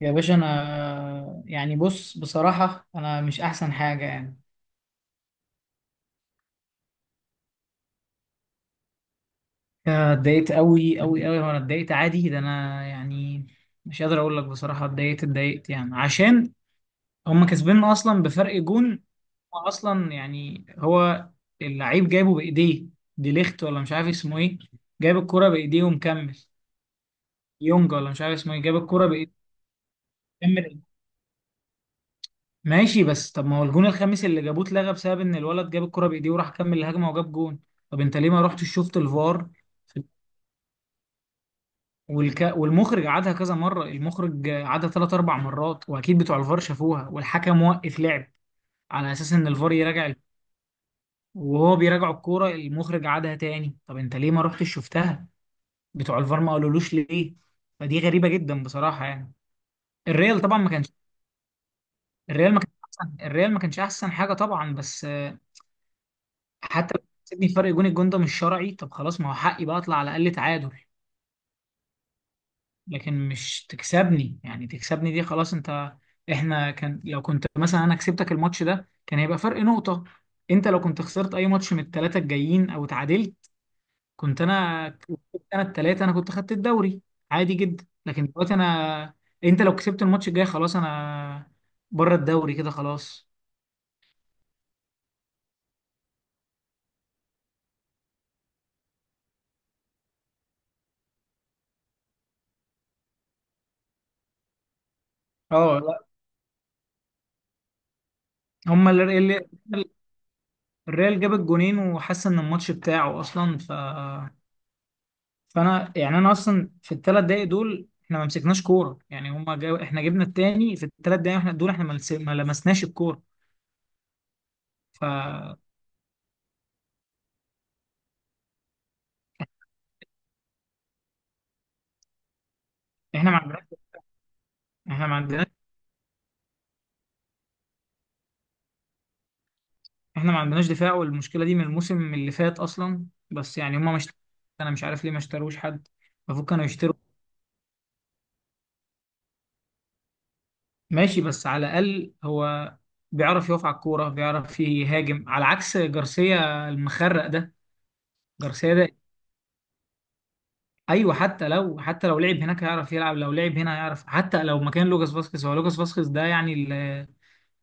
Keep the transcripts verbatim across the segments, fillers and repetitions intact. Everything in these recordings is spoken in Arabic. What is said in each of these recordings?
يا باشا، انا يعني بص بصراحة انا مش احسن حاجة يعني. أنا اتضايقت قوي قوي قوي، وانا اتضايقت عادي ده. انا يعني مش قادر اقول لك بصراحة اتضايقت اتضايقت يعني عشان هم كسباننا اصلا بفرق جون. هو اصلا يعني هو اللعيب جايبه بايديه، دي ليخت ولا مش عارف اسمه ايه. جايب الكرة بايديه ومكمل. يونج ولا مش عارف اسمه ايه، جايب الكرة بايديه. ماشي بس طب ما هو الجون الخامس اللي جابوه اتلغى بسبب ان الولد جاب الكرة بايديه وراح كمل الهجمة وجاب جون. طب انت ليه ما رحتش شفت الفار؟ في- والك... والمخرج عادها كذا مرة، المخرج عادها ثلاث اربع مرات، واكيد بتوع الفار شافوها والحكم وقف لعب على اساس ان الفار يراجع ال- وهو بيراجع الكورة المخرج عادها تاني. طب انت ليه ما رحتش شفتها؟ بتوع الفار ما قالولوش ليه؟ فدي غريبة جدا بصراحة يعني. الريال طبعا ما كانش، الريال ما كانش احسن، الريال ما كانش احسن حاجة طبعا. بس حتى لو كسبني فرق جون، الجون ده مش شرعي. طب خلاص ما هو حقي بقى اطلع على الاقل تعادل. لكن مش تكسبني، يعني تكسبني دي خلاص انت. احنا كان لو كنت مثلا انا كسبتك الماتش ده كان هيبقى فرق نقطة. انت لو كنت خسرت اي ماتش من الثلاثة الجايين او اتعادلت، كنت انا كسبت انا الثلاثة، انا كنت خدت الدوري عادي جدا. لكن دلوقتي انا، انت لو كسبت الماتش الجاي خلاص انا بره الدوري كده خلاص. اه لا، هم اللي، الريال جاب الجونين وحس ان الماتش بتاعه اصلا. ف فانا يعني انا اصلا في الثلاث دقايق دول احنا ما مسكناش كوره، يعني هما جاب... احنا جبنا التاني في الثلاث دقايق، احنا دول احنا ما لس- ما لمسناش الكوره. فاحنا ما عندناش، احنا ما عندناش، احنا ما عندناش دفاع. والمشكله دي من الموسم اللي فات اصلا، بس يعني هما مش، انا مش عارف ليه ما اشتروش حد. المفروض كانوا يشتروا. ماشي بس على الاقل هو بيعرف يقف على الكوره، بيعرف يهاجم، على عكس جارسيا المخرق ده. جارسيا ده، ايوه، حتى لو حتى لو لعب هناك هيعرف يلعب، لو لعب هنا هيعرف، حتى لو مكان لوكاس فاسكيز. هو لوكاس فاسكيز ده يعني اللي،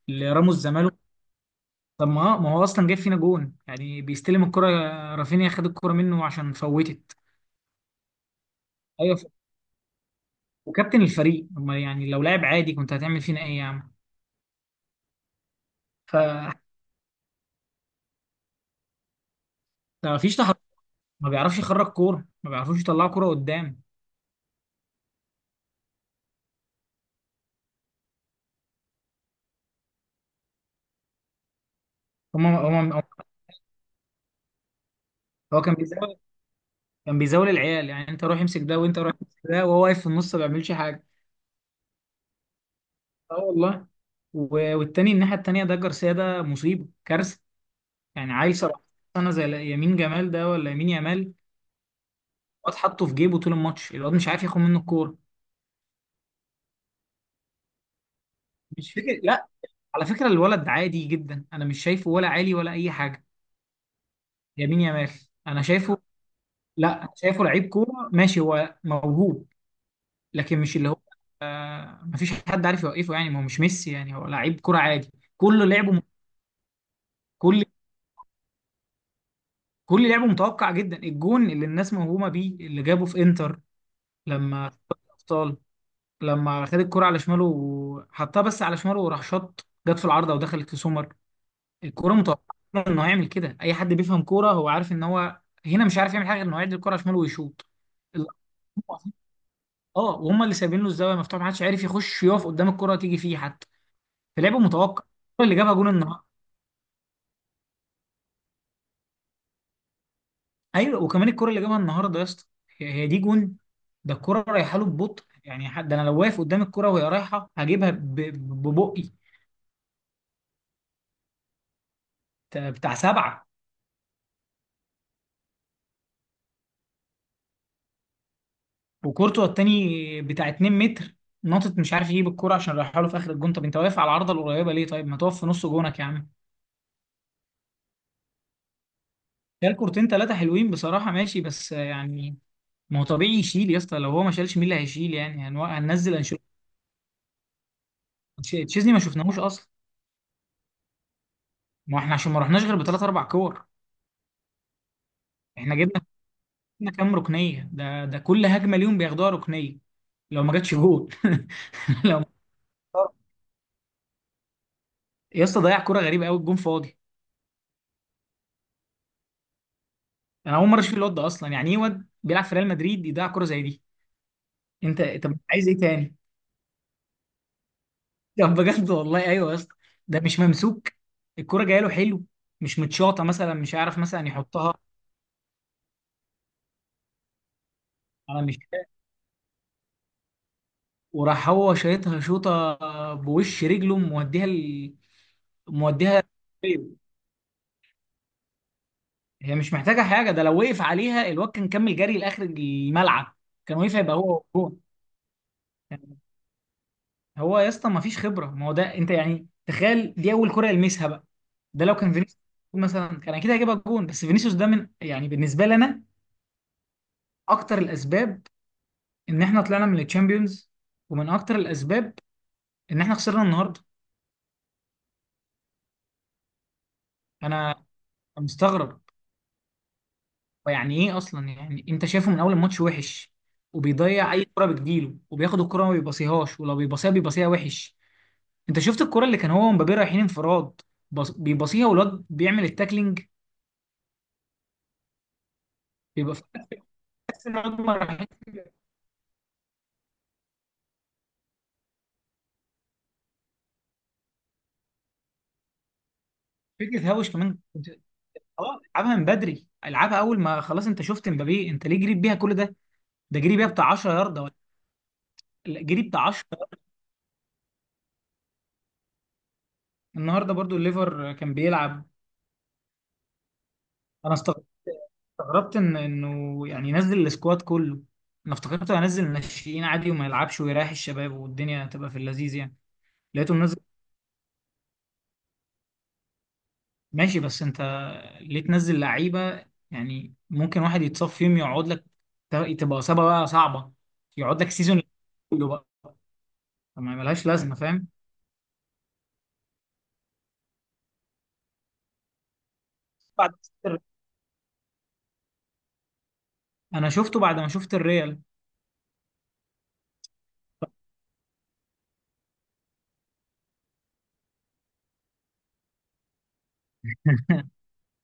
اللي راموس زماله. طب ما ما هو اصلا جاب فينا جون، يعني بيستلم الكرة، رافينيا خد الكرة منه عشان فوتت. ايوه، ف- وكابتن الفريق، أما يعني لو لاعب عادي كنت هتعمل فينا ايه يا عم؟ ف مفيش تحرك، ما بيعرفش يخرج كورة، ما بيعرفوش يطلعوا كورة قدام. هما هما هو كان بيزاول، كان بيزاول العيال، يعني انت روح امسك ده وانت روح امسك ده وهو واقف في النص ما بيعملش حاجة. اه والله. و- والتاني الناحية التانية ده جارسيا ده مصيبة كارثة. يعني عيل 17 سنة زي يمين جمال ده ولا يمين يامال، الواد حطه في جيبه طول الماتش، الواد مش عارف ياخد منه الكورة. مش فكرة لا، على فكرة الولد عادي جدا، أنا مش شايفه ولا عالي ولا أي حاجة. يمين يامال، أنا شايفه، لا أنا شايفه لعيب كورة ماشي، هو موهوب لكن مش اللي هو، مفيش حد عارف يوقفه. يعني ما هو مش ميسي، يعني هو لعيب كورة عادي. كل لعبه، كل كل لعبه متوقع جدا. الجون اللي الناس موهومه بيه اللي جابه في انتر، لما أبطال، لما خد الكرة على شماله وحطها بس على شماله وراح شاط، جت في العارضة ودخلت في سومر، الكرة متوقعة إنه هيعمل كده. أي حد بيفهم كورة هو عارف إن هو هنا مش عارف يعمل حاجة غير إنه يعدي الكرة على شماله ويشوط. ال- اه وهم اللي سايبين له الزاويه مفتوحه، ما حدش عارف يخش يقف قدام الكره تيجي فيه حتى، فلعبه متوقع الكره اللي جابها جون النهارده. ايوه، وكمان الكره اللي جابها النهارده يا اسطى، هي هي دي جون. ده الكره رايحه له ببطء، يعني حد انا لو واقف قدام الكره وهي رايحه هجيبها ب- ب- ببقي بتاع سبعه. وكورتوا التاني بتاع 2 متر ناطط، مش عارف يجيب الكوره عشان رايحها له في اخر الجون. طب انت واقف على العارضه القريبه ليه؟ طيب ما تقف في نص جونك يا عم. شال كورتين ثلاثه حلوين بصراحه، ماشي بس يعني ما هو طبيعي يشيل يا اسطى. لو هو ما شالش مين اللي هيشيل؟ يعني هنو- هننزل انشيلوتي؟ تشيزني ما شفناهوش اصلا. ما احنا عشان ما رحناش غير بثلاث اربع كور. احنا جبنا، جبنا كام ركنيه؟ ده ده كل هجمه ليهم بياخدوها ركنيه. لو ما جاتش جول، لو يا اسطى ضيع كوره غريبه قوي، الجون فاضي. انا اول مره اشوف الواد ده اصلا، يعني ايه واد بيلعب في ريال مدريد يضيع كوره زي دي؟ انت طب انت عايز ايه تاني؟ طب بجد والله ايوه يا اسطى، ده مش ممسوك، الكرة جايه له حلو، مش متشاطه مثلا مش عارف مثلا يحطها على، مش فاهم، وراح هو شايطها شوطه، بوش رجله موديها ال... موديها. طيب. هي مش محتاجه حاجه، ده لو وقف عليها الواد كان كمل جري لاخر الملعب، كان وقف هيبقى هو هو. هو يا اسطى ما فيش خبره، ما هو ده انت يعني تخيل دي اول كرة يلمسها بقى. ده لو كان فينيسيوس مثلا كان اكيد هيجيبها جون. بس فينيسيوس ده من، يعني بالنسبه لي انا، اكتر الاسباب ان احنا طلعنا من الشامبيونز، ومن اكتر الاسباب ان احنا خسرنا النهارده. انا مستغرب، يعني ايه اصلا؟ يعني انت شايفه من اول الماتش وحش وبيضيع اي كره بتجيله، وبياخد الكره ما بيباصيهاش، ولو بيباصيها بيباصيها وحش. انت شفت الكره اللي كان هو ومبابي رايحين انفراد، بص- بيباصيها والواد بيعمل التاكلينج. بيبقى في، تحس ان الواد ما راحتش. فكره هاوش كمان كنت- خلاص العبها من بدري، العبها اول ما خلاص. انت شفت مبابي، انت ليه جريت بيها كل ده؟ ده جري بيها بتاع 10 ياردة ولا، لا، جري بتاع. النهارده برضو الليفر كان بيلعب. انا استغ- استغربت ان انه يعني ينزل السكواد كله. انا افتكرته هينزل الناشئين عادي وما يلعبش ويريح الشباب والدنيا تبقى في اللذيذ يعني. لقيته منزل. ماشي بس انت ليه تنزل لعيبه؟ يعني ممكن واحد يتصاب فيهم يقعد لك، ت- تبقى اصابه بقى صعبه يقعد لك سيزون كله بقى. ما ملهاش لازمه فاهم؟ بعد انا شفته بعد ما شفت الريال.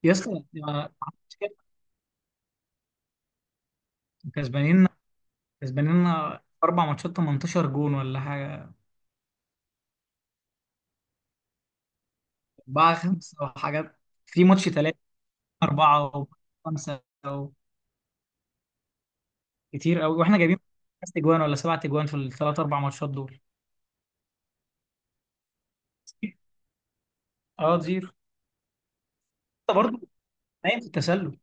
يا اسطى ما عملتش كده. كسبانين، كسبان لنا أربع ماتشات 18 جون ولا حاجة. أربعة خمسة وحاجات، في ماتش تلاتة، أربعة وخمسة. كتير أوي. وإحنا جايبين خمس أجوان ولا سبعة أجوان في الثلاث أربع ماتشات دول. أه زيرو. أنت برضه نايم في التسلل،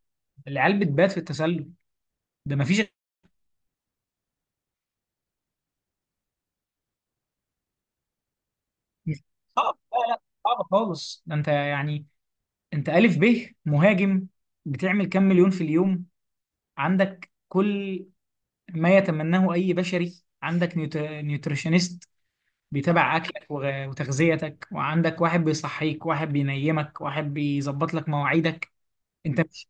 العيال بتبات في التسلل. ده مفيش. مش- صعب لا لا صعب خالص. ده أنت يعني أنت ألف ب مهاجم، بتعمل كام مليون في اليوم، عندك كل ما يتمناه أي بشري، عندك نيوت- نيوتريشنست بيتابع اكلك وغ- وتغذيتك، وعندك واحد بيصحيك واحد بينيمك واحد بيظبط لك مواعيدك. انت مش،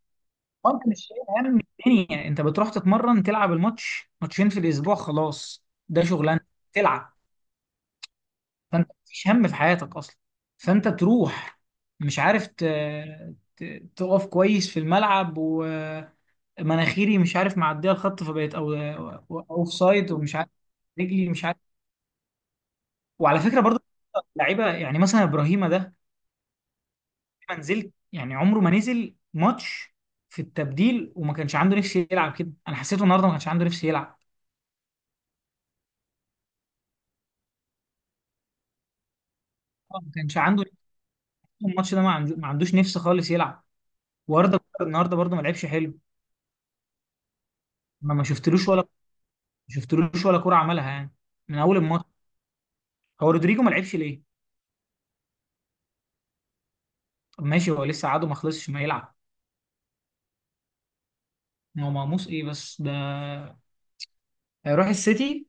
آه، انت مش شايل هم الدنيا، انت بتروح تتمرن تلعب الماتش، ماتشين في الاسبوع خلاص. ده شغلانه تلعب. فانت مفيش هم في حياتك اصلا. فانت تروح مش عارف ت... ت... تقف كويس في الملعب، ومناخيري مش عارف معديه الخط فبقيت او اوف سايد ومش عارف رجلي مش عارف. وعلى فكره برضه لعيبه، يعني مثلا ابراهيم ده ما نزلت، يعني عمره ما نزل ماتش في التبديل، وما كانش عنده نفس يلعب كده. انا حسيته النهارده ما كانش عنده نفس يلعب. آه، ما كانش عنده نفس. الماتش ده ما عنده- ما عندوش نفس خالص يلعب. واردا جولر النهارده برضه ما لعبش حلو. ما ما شفتلوش ولا ما شفتلوش ولا كوره عملها يعني من اول الماتش. هو رودريجو ما لعبش ليه؟ طب ماشي هو لسه عاده ما خلصش ما يلعب. ما هو مقموص ايه بس ده؟ هيروح السيتي.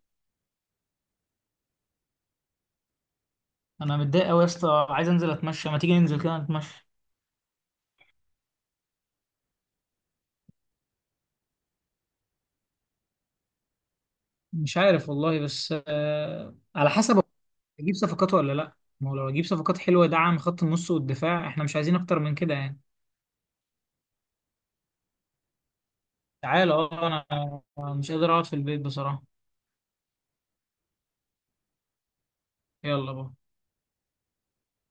انا متضايق قوي يا اسطى، عايز انزل اتمشى. ما تيجي ننزل كده نتمشى؟ مش عارف والله، بس آه على حسب. اجيب صفقات ولا لا؟ ما هو لو اجيب صفقات حلوه دعم خط النص والدفاع احنا مش عايزين اكتر من كده يعني. تعالى اه انا، أنا مش قادر اقعد في البيت بصراحه. يلا بقى.